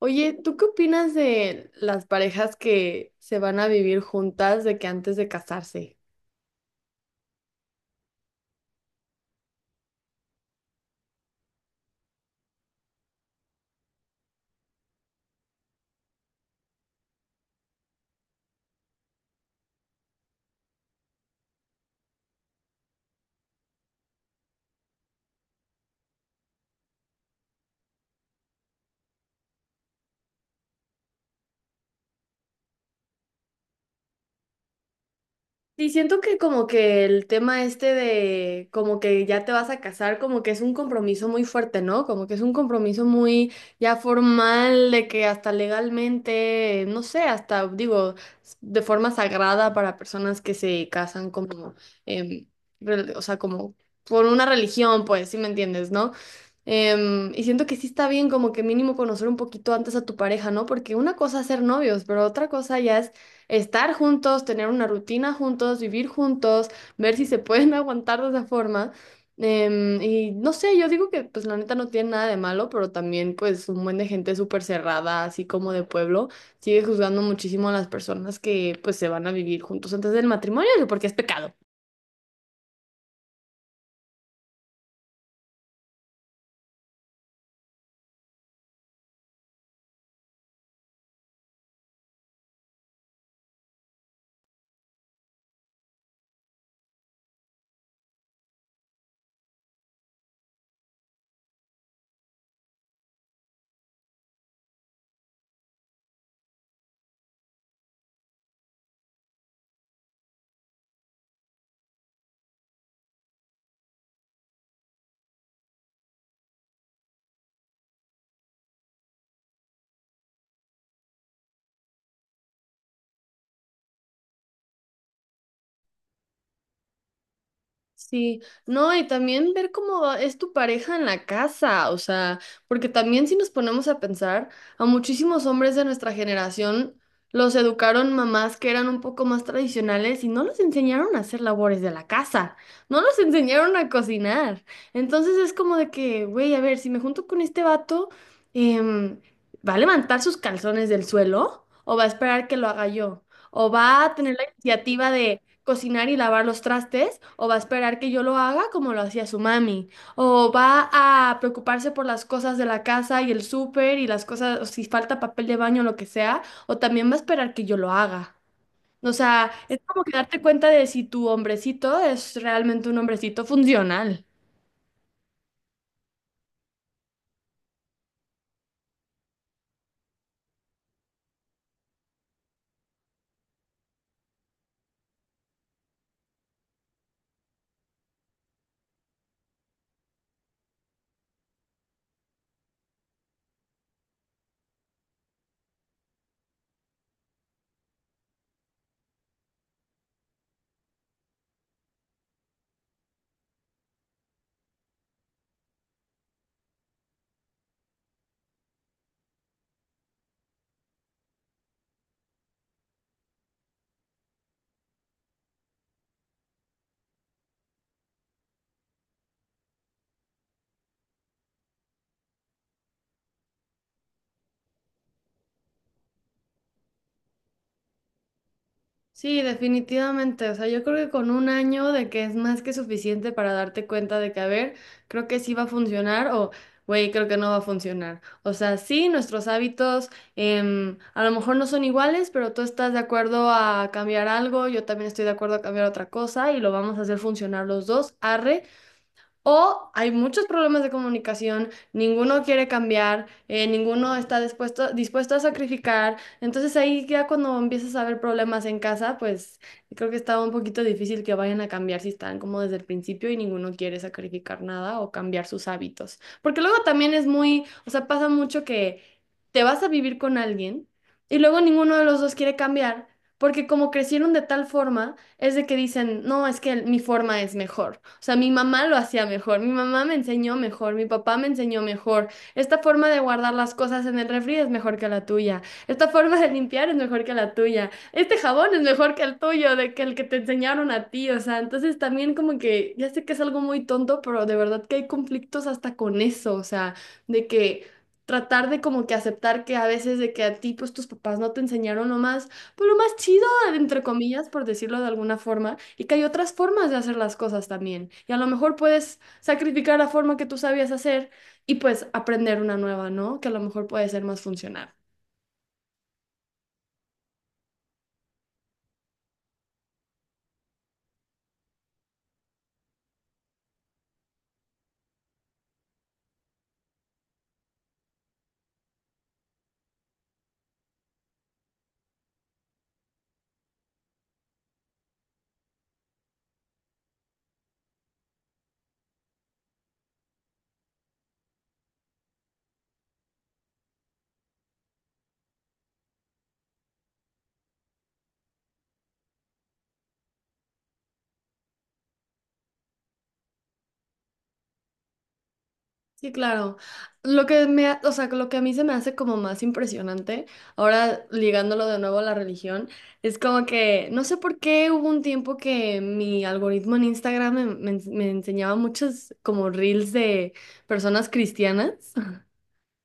Oye, ¿tú qué opinas de las parejas que se van a vivir juntas de que antes de casarse? Y siento que como que el tema este de como que ya te vas a casar, como que es un compromiso muy fuerte, ¿no? Como que es un compromiso muy ya formal, de que hasta legalmente, no sé, hasta digo, de forma sagrada para personas que se casan como, em, o sea, como por una religión, pues, si me entiendes, ¿no? Y siento que sí está bien como que mínimo conocer un poquito antes a tu pareja, ¿no? Porque una cosa es ser novios, pero otra cosa ya estar juntos, tener una rutina juntos, vivir juntos, ver si se pueden aguantar de esa forma. Y no sé, yo digo que pues la neta no tiene nada de malo, pero también pues un buen de gente súper cerrada, así como de pueblo, sigue juzgando muchísimo a las personas que pues se van a vivir juntos antes del matrimonio, porque es pecado. Sí, no, y también ver cómo es tu pareja en la casa, o sea, porque también si nos ponemos a pensar, a muchísimos hombres de nuestra generación los educaron mamás que eran un poco más tradicionales y no los enseñaron a hacer labores de la casa, no los enseñaron a cocinar. Entonces es como de que, güey, a ver, si me junto con este vato, em, ¿va a levantar sus calzones del suelo o va a esperar que lo haga yo? ¿O va a tener la iniciativa de cocinar y lavar los trastes, o va a esperar que yo lo haga como lo hacía su mami, o va a preocuparse por las cosas de la casa y el súper y las cosas, o si falta papel de baño lo que sea, o también va a esperar que yo lo haga. O sea, es como que darte cuenta de si tu hombrecito es realmente un hombrecito funcional. Sí, definitivamente. O sea, yo creo que con un año de que es más que suficiente para darte cuenta de que, a ver, creo que sí va a funcionar o, güey, creo que no va a funcionar. O sea, sí, nuestros hábitos a lo mejor no son iguales, pero tú estás de acuerdo a cambiar algo, yo también estoy de acuerdo a cambiar otra cosa y lo vamos a hacer funcionar los dos. Arre, o hay muchos problemas de comunicación, ninguno quiere cambiar, ninguno está dispuesto a sacrificar. Entonces ahí ya cuando empiezas a ver problemas en casa, pues creo que está un poquito difícil que vayan a cambiar si están como desde el principio y ninguno quiere sacrificar nada o cambiar sus hábitos. Porque luego también es muy, o sea, pasa mucho que te vas a vivir con alguien y luego ninguno de los dos quiere cambiar porque como crecieron de tal forma es de que dicen, no, es que mi forma es mejor. O sea, mi mamá lo hacía mejor, mi mamá me enseñó mejor, mi papá me enseñó mejor. Esta forma de guardar las cosas en el refri es mejor que la tuya. Esta forma de limpiar es mejor que la tuya. Este jabón es mejor que el tuyo, de que el que te enseñaron a ti. O sea, entonces también como que, ya sé que es algo muy tonto, pero de verdad que hay conflictos hasta con eso. O sea, de que... Tratar de como que aceptar que a veces de que a ti pues tus papás no te enseñaron lo más, pues lo más chido entre comillas, por decirlo de alguna forma, y que hay otras formas de hacer las cosas también. Y a lo mejor puedes sacrificar la forma que tú sabías hacer y pues aprender una nueva, ¿no? Que a lo mejor puede ser más funcional. Sí, claro. Lo que o sea, que lo que a mí se me hace como más impresionante, ahora ligándolo de nuevo a la religión, es como que no sé por qué hubo un tiempo que mi algoritmo en Instagram me enseñaba muchos como reels de personas cristianas.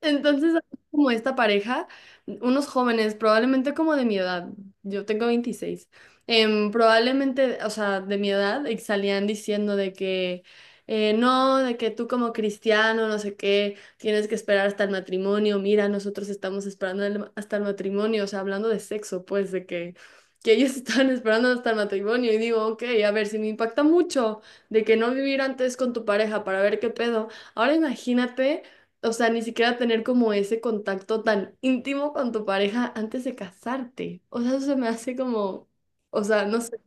Entonces, como esta pareja, unos jóvenes, probablemente como de mi edad, yo tengo 26 probablemente, o sea, de mi edad, y salían diciendo de que no, de que tú como cristiano, no sé qué, tienes que esperar hasta el matrimonio, mira, nosotros estamos esperando hasta el matrimonio, o sea, hablando de sexo, pues, de que ellos están esperando hasta el matrimonio, y digo, ok, a ver, si me impacta mucho de que no vivir antes con tu pareja para ver qué pedo, ahora imagínate o sea, ni siquiera tener como ese contacto tan íntimo con tu pareja antes de casarte. O sea, eso se me hace como, o sea, no sé,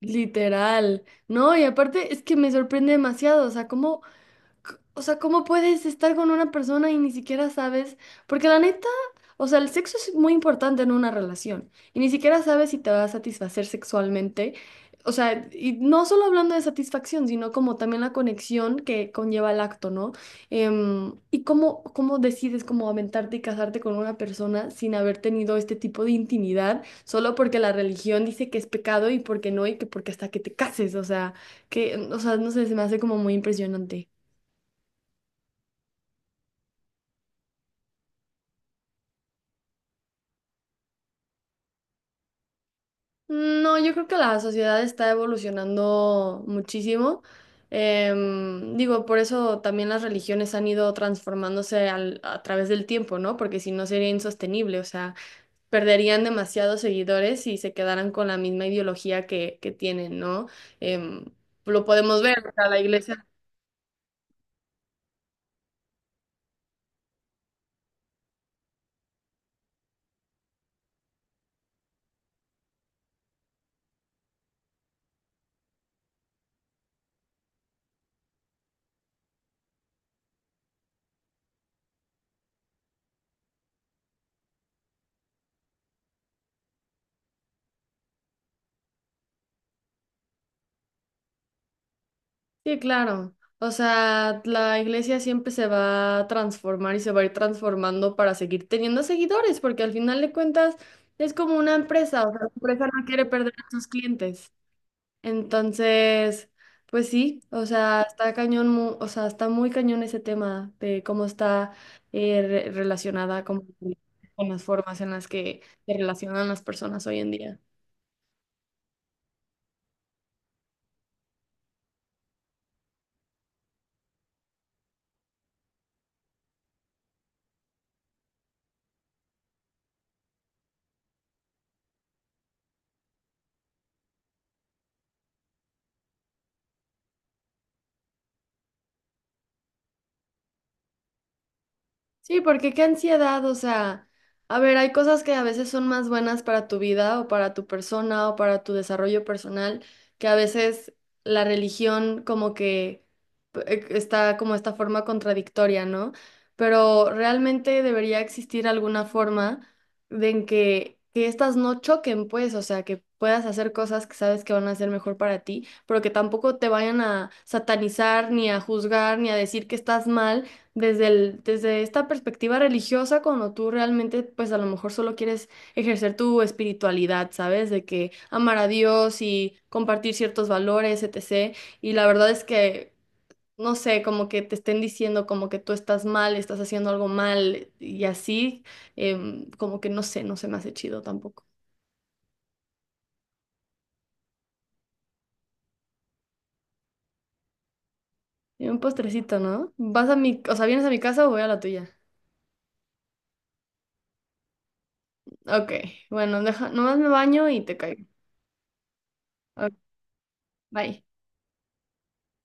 literal, ¿no? Y aparte es que me sorprende demasiado, o sea, cómo O sea, ¿cómo puedes estar con una persona y ni siquiera sabes? Porque la neta, o sea, el sexo es muy importante en una relación y ni siquiera sabes si te va a satisfacer sexualmente. O sea, y no solo hablando de satisfacción, sino como también la conexión que conlleva el acto, ¿no? Y cómo decides cómo aventarte y casarte con una persona sin haber tenido este tipo de intimidad, solo porque la religión dice que es pecado y porque no, y que porque hasta que te cases, o sea, que, o sea, no sé, se me hace como muy impresionante. No, yo creo que la sociedad está evolucionando muchísimo. Digo, por eso también las religiones han ido transformándose a través del tiempo, ¿no? Porque si no sería insostenible, o sea, perderían demasiados seguidores si se quedaran con la misma ideología que tienen, ¿no? Em, lo podemos ver, o sea, la iglesia. Sí, claro. O sea, la iglesia siempre se va a transformar y se va a ir transformando para seguir teniendo seguidores, porque al final de cuentas es como una empresa, o sea, la empresa no quiere perder a sus clientes. Entonces, pues sí, o sea, está cañón, o sea, está muy cañón ese tema de cómo está relacionada como con las formas en las que se relacionan las personas hoy en día. Sí, porque qué ansiedad, o sea, a ver, hay cosas que a veces son más buenas para tu vida o para tu persona o para tu desarrollo personal, que a veces la religión como que está como esta forma contradictoria, ¿no? Pero realmente debería existir alguna forma de en que, estas no choquen, pues, o sea, que puedas hacer cosas que sabes que van a ser mejor para ti, pero que tampoco te vayan a satanizar, ni a juzgar, ni a decir que estás mal desde esta perspectiva religiosa, cuando tú realmente, pues a lo mejor solo quieres ejercer tu espiritualidad, ¿sabes? De que amar a Dios y compartir ciertos valores, etc. Y la verdad es que, no sé, como que te estén diciendo como que tú estás mal, estás haciendo algo mal y así, como que no sé, no se me hace chido tampoco. Y un postrecito, ¿no? ¿Vas a mi, o sea, vienes a mi casa o voy a la tuya? Ok, bueno, deja, nomás me baño y te caigo. Ok, bye.